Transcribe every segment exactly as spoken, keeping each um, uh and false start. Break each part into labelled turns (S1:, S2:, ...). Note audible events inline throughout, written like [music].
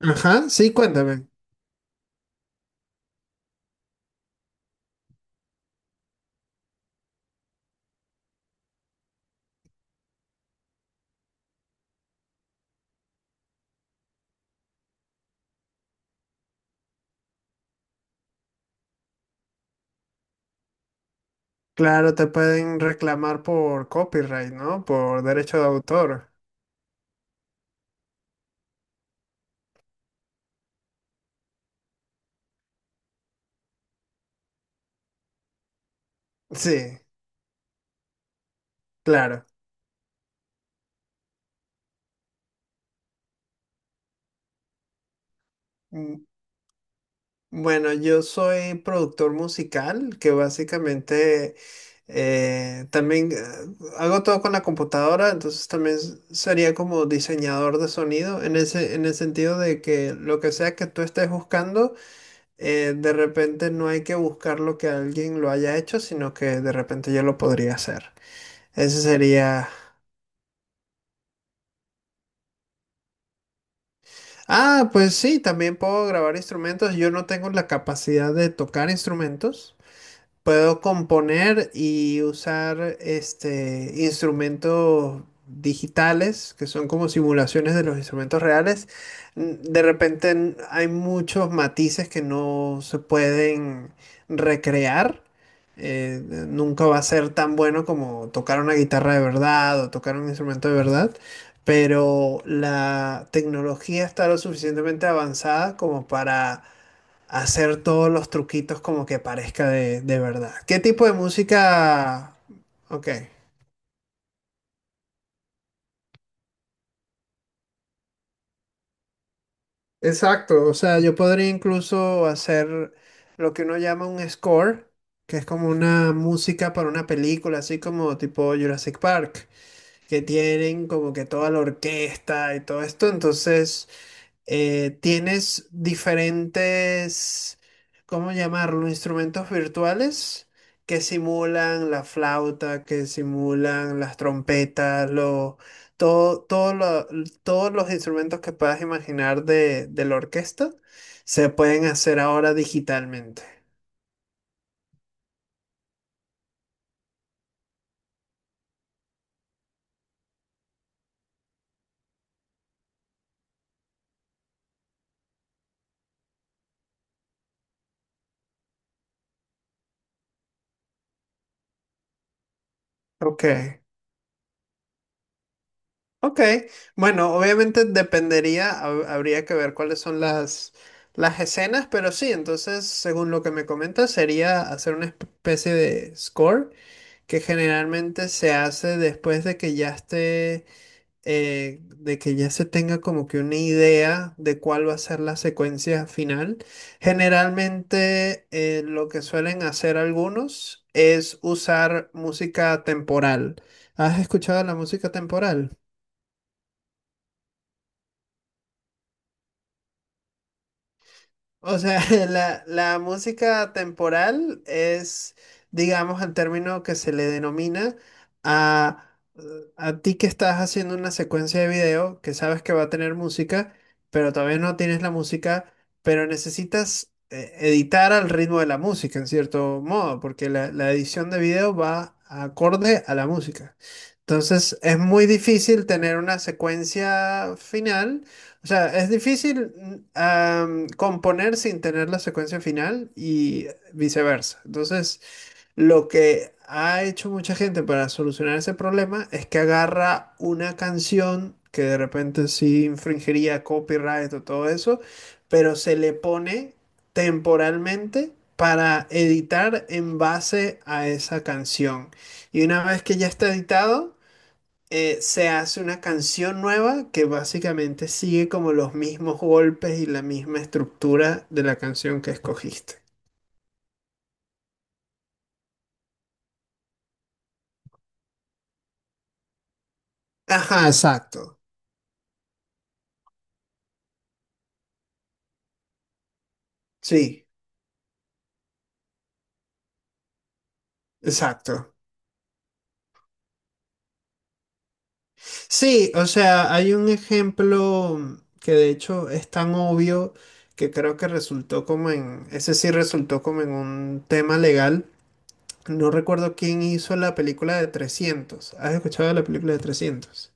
S1: Ajá, sí, cuéntame. Claro, te pueden reclamar por copyright, ¿no? Por derecho de autor. Sí, claro. Mm, Bueno, yo soy productor musical, que básicamente eh, también eh, hago todo con la computadora, entonces también s- sería como diseñador de sonido, en ese, en el sentido de que lo que sea que tú estés buscando, eh, de repente no hay que buscar lo que alguien lo haya hecho, sino que de repente yo lo podría hacer. Ese sería Ah, pues sí, también puedo grabar instrumentos. Yo no tengo la capacidad de tocar instrumentos. Puedo componer y usar este, instrumentos digitales que son como simulaciones de los instrumentos reales. N- De repente n- hay muchos matices que no se pueden recrear. Eh, Nunca va a ser tan bueno como tocar una guitarra de verdad o tocar un instrumento de verdad, pero la tecnología está lo suficientemente avanzada como para hacer todos los truquitos como que parezca de, de verdad. ¿Qué tipo de música? Ok, exacto. O sea, yo podría incluso hacer lo que uno llama un score, que es como una música para una película, así como tipo Jurassic Park, que tienen como que toda la orquesta y todo esto. Entonces eh, tienes diferentes, ¿cómo llamarlo? Instrumentos virtuales que simulan la flauta, que simulan las trompetas, lo, todo, todo lo- todos los instrumentos que puedas imaginar de, de la orquesta se pueden hacer ahora digitalmente. Ok. Ok, bueno, obviamente dependería, hab- habría que ver cuáles son las, las escenas, pero sí. Entonces, según lo que me comentas, sería hacer una especie de score que generalmente se hace después de que ya esté, eh, de que ya se tenga como que una idea de cuál va a ser la secuencia final. Generalmente, eh, lo que suelen hacer algunos es usar música temporal. ¿Has escuchado la música temporal? O sea, [laughs] la, la música temporal es, digamos, el término que se le denomina a, a ti que estás haciendo una secuencia de video, que sabes que va a tener música, pero todavía no tienes la música, pero necesitas eh, editar al ritmo de la música, en cierto modo, porque la, la edición de video va acorde a la música. Entonces, es muy difícil tener una secuencia final, o sea, es difícil mm, am, componer sin tener la secuencia final y viceversa. Entonces, lo que ha hecho mucha gente para solucionar ese problema es que agarra una canción que de repente sí infringiría copyright o todo eso, pero se le pone temporalmente para editar en base a esa canción. Y una vez que ya está editado eh, se hace una canción nueva que básicamente sigue como los mismos golpes y la misma estructura de la canción que escogiste. Ajá, exacto. Sí, exacto. Sí, o sea, hay un ejemplo que de hecho es tan obvio que creo que resultó como en, ese sí resultó como en un tema legal. No recuerdo quién hizo la película de trescientos. ¿Has escuchado de la película de trescientos?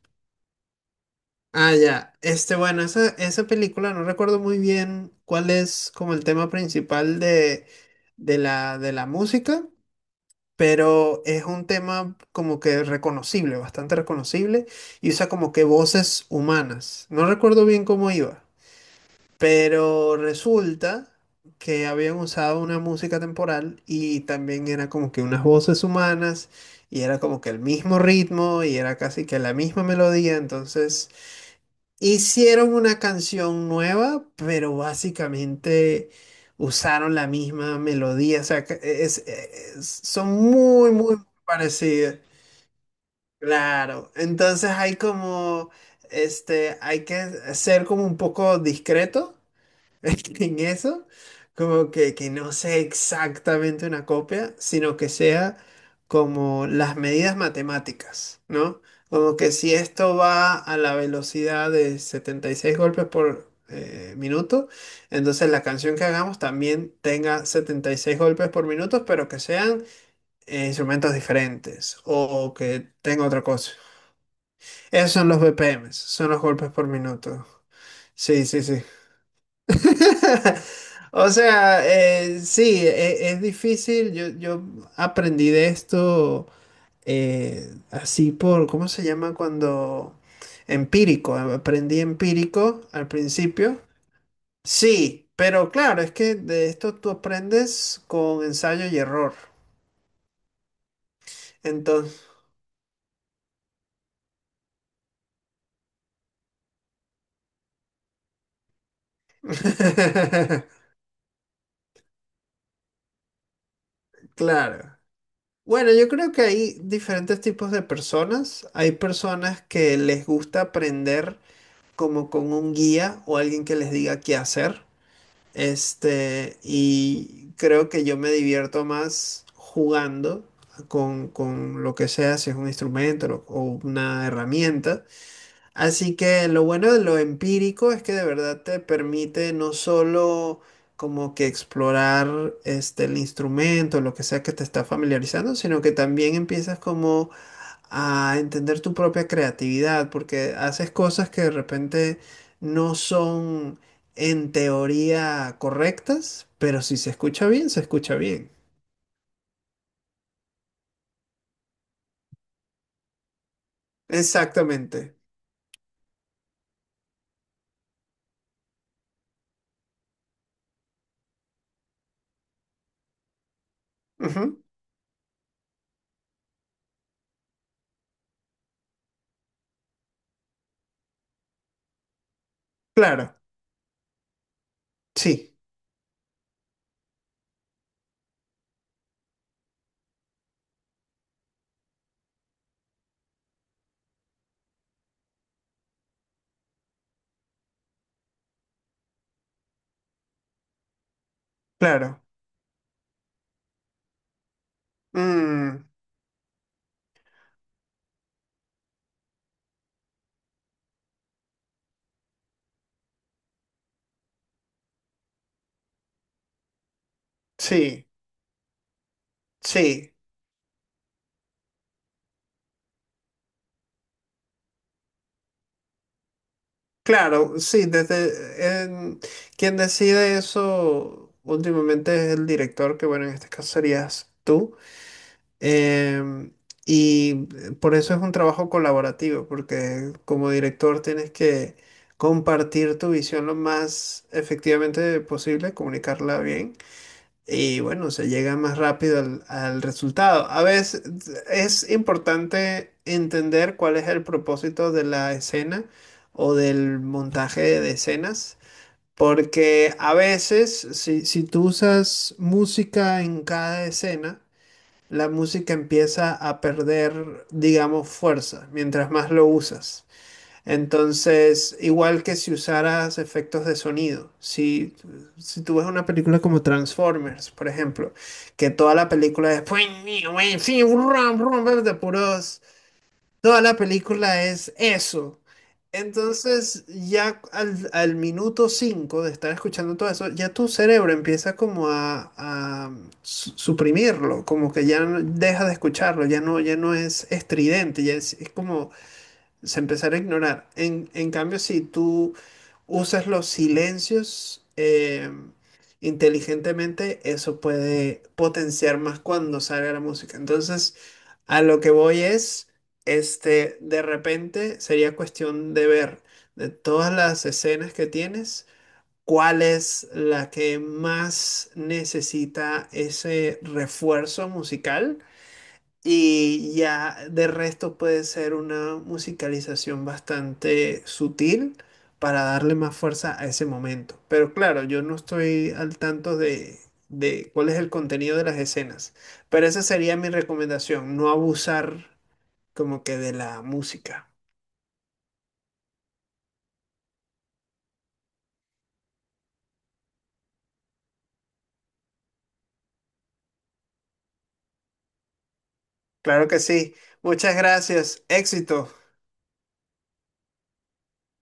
S1: Ah, ya. Este, bueno, esa, esa película no recuerdo muy bien cuál es como el tema principal de, de la, de la música, pero es un tema como que reconocible, bastante reconocible, y usa como que voces humanas. No recuerdo bien cómo iba, pero resulta que habían usado una música temporal y también era como que unas voces humanas, y era como que el mismo ritmo, y era casi que la misma melodía. Entonces hicieron una canción nueva, pero básicamente usaron la misma melodía. O sea, que es, es- son muy, muy parecidas. Claro. Entonces hay como, este, hay que ser como un poco discreto [laughs] en eso, como que, que no sea exactamente una copia, sino que sea como las medidas matemáticas, ¿no? Como que si esto va a la velocidad de setenta y seis golpes por eh, minuto, entonces la canción que hagamos también tenga setenta y seis golpes por minuto, pero que sean eh, instrumentos diferentes o, o que tenga otra cosa. Esos son los B P Ms, son los golpes por minuto. Sí, sí, sí. [laughs] O sea, eh, sí, e- es difícil. Yo, yo aprendí de esto eh, así por, ¿cómo se llama cuando? Empírico. Aprendí empírico al principio. Sí, pero claro, es que de esto tú aprendes con ensayo y error. Entonces, [laughs] claro. Bueno, yo creo que hay diferentes tipos de personas. Hay personas que les gusta aprender como con un guía o alguien que les diga qué hacer. Este, y creo que yo me divierto más jugando con, con lo que sea, si es un instrumento lo- o una herramienta. Así que lo bueno de lo empírico es que de verdad te permite no solo como que explorar este, el instrumento, lo que sea que te está familiarizando, sino que también empiezas como a entender tu propia creatividad, porque haces cosas que de repente no son en teoría correctas, pero si se escucha bien, se escucha bien. Exactamente. Ujú. Claro, sí, claro. Mm, sí, sí, claro, sí, desde en- quien decide eso últimamente es el director, que bueno, en este caso serías tú. Em, y por eso es un trabajo colaborativo, porque como director tienes que compartir tu visión lo más efectivamente posible, comunicarla bien y bueno, se llega más rápido al, al resultado. A veces es importante entender cuál es el propósito de la escena o del montaje de escenas. Porque a veces, si, si tú usas música en cada escena, la música empieza a perder, digamos, fuerza mientras más lo usas. Entonces, igual que si usaras efectos de sonido, si, si tú ves una película como Transformers, por ejemplo, que toda la película es [laughs] de puros toda la película es eso. Entonces, ya al, al minuto cinco de estar escuchando todo eso, ya tu cerebro empieza como a, a su- suprimirlo, como que ya no- deja de escucharlo, ya no, ya no es estridente, ya es, es como se empezar a ignorar. En, en cambio, si tú usas los silencios eh, inteligentemente, eso puede potenciar más cuando salga la música. Entonces, a lo que voy es, este, de repente sería cuestión de ver de todas las escenas que tienes, cuál es la que más necesita ese refuerzo musical y ya de resto puede ser una musicalización bastante sutil para darle más fuerza a ese momento. Pero claro, yo no estoy al tanto de, de cuál es el contenido de las escenas. Pero esa sería mi recomendación, no abusar como que de la música. Claro que sí. Muchas gracias. Éxito.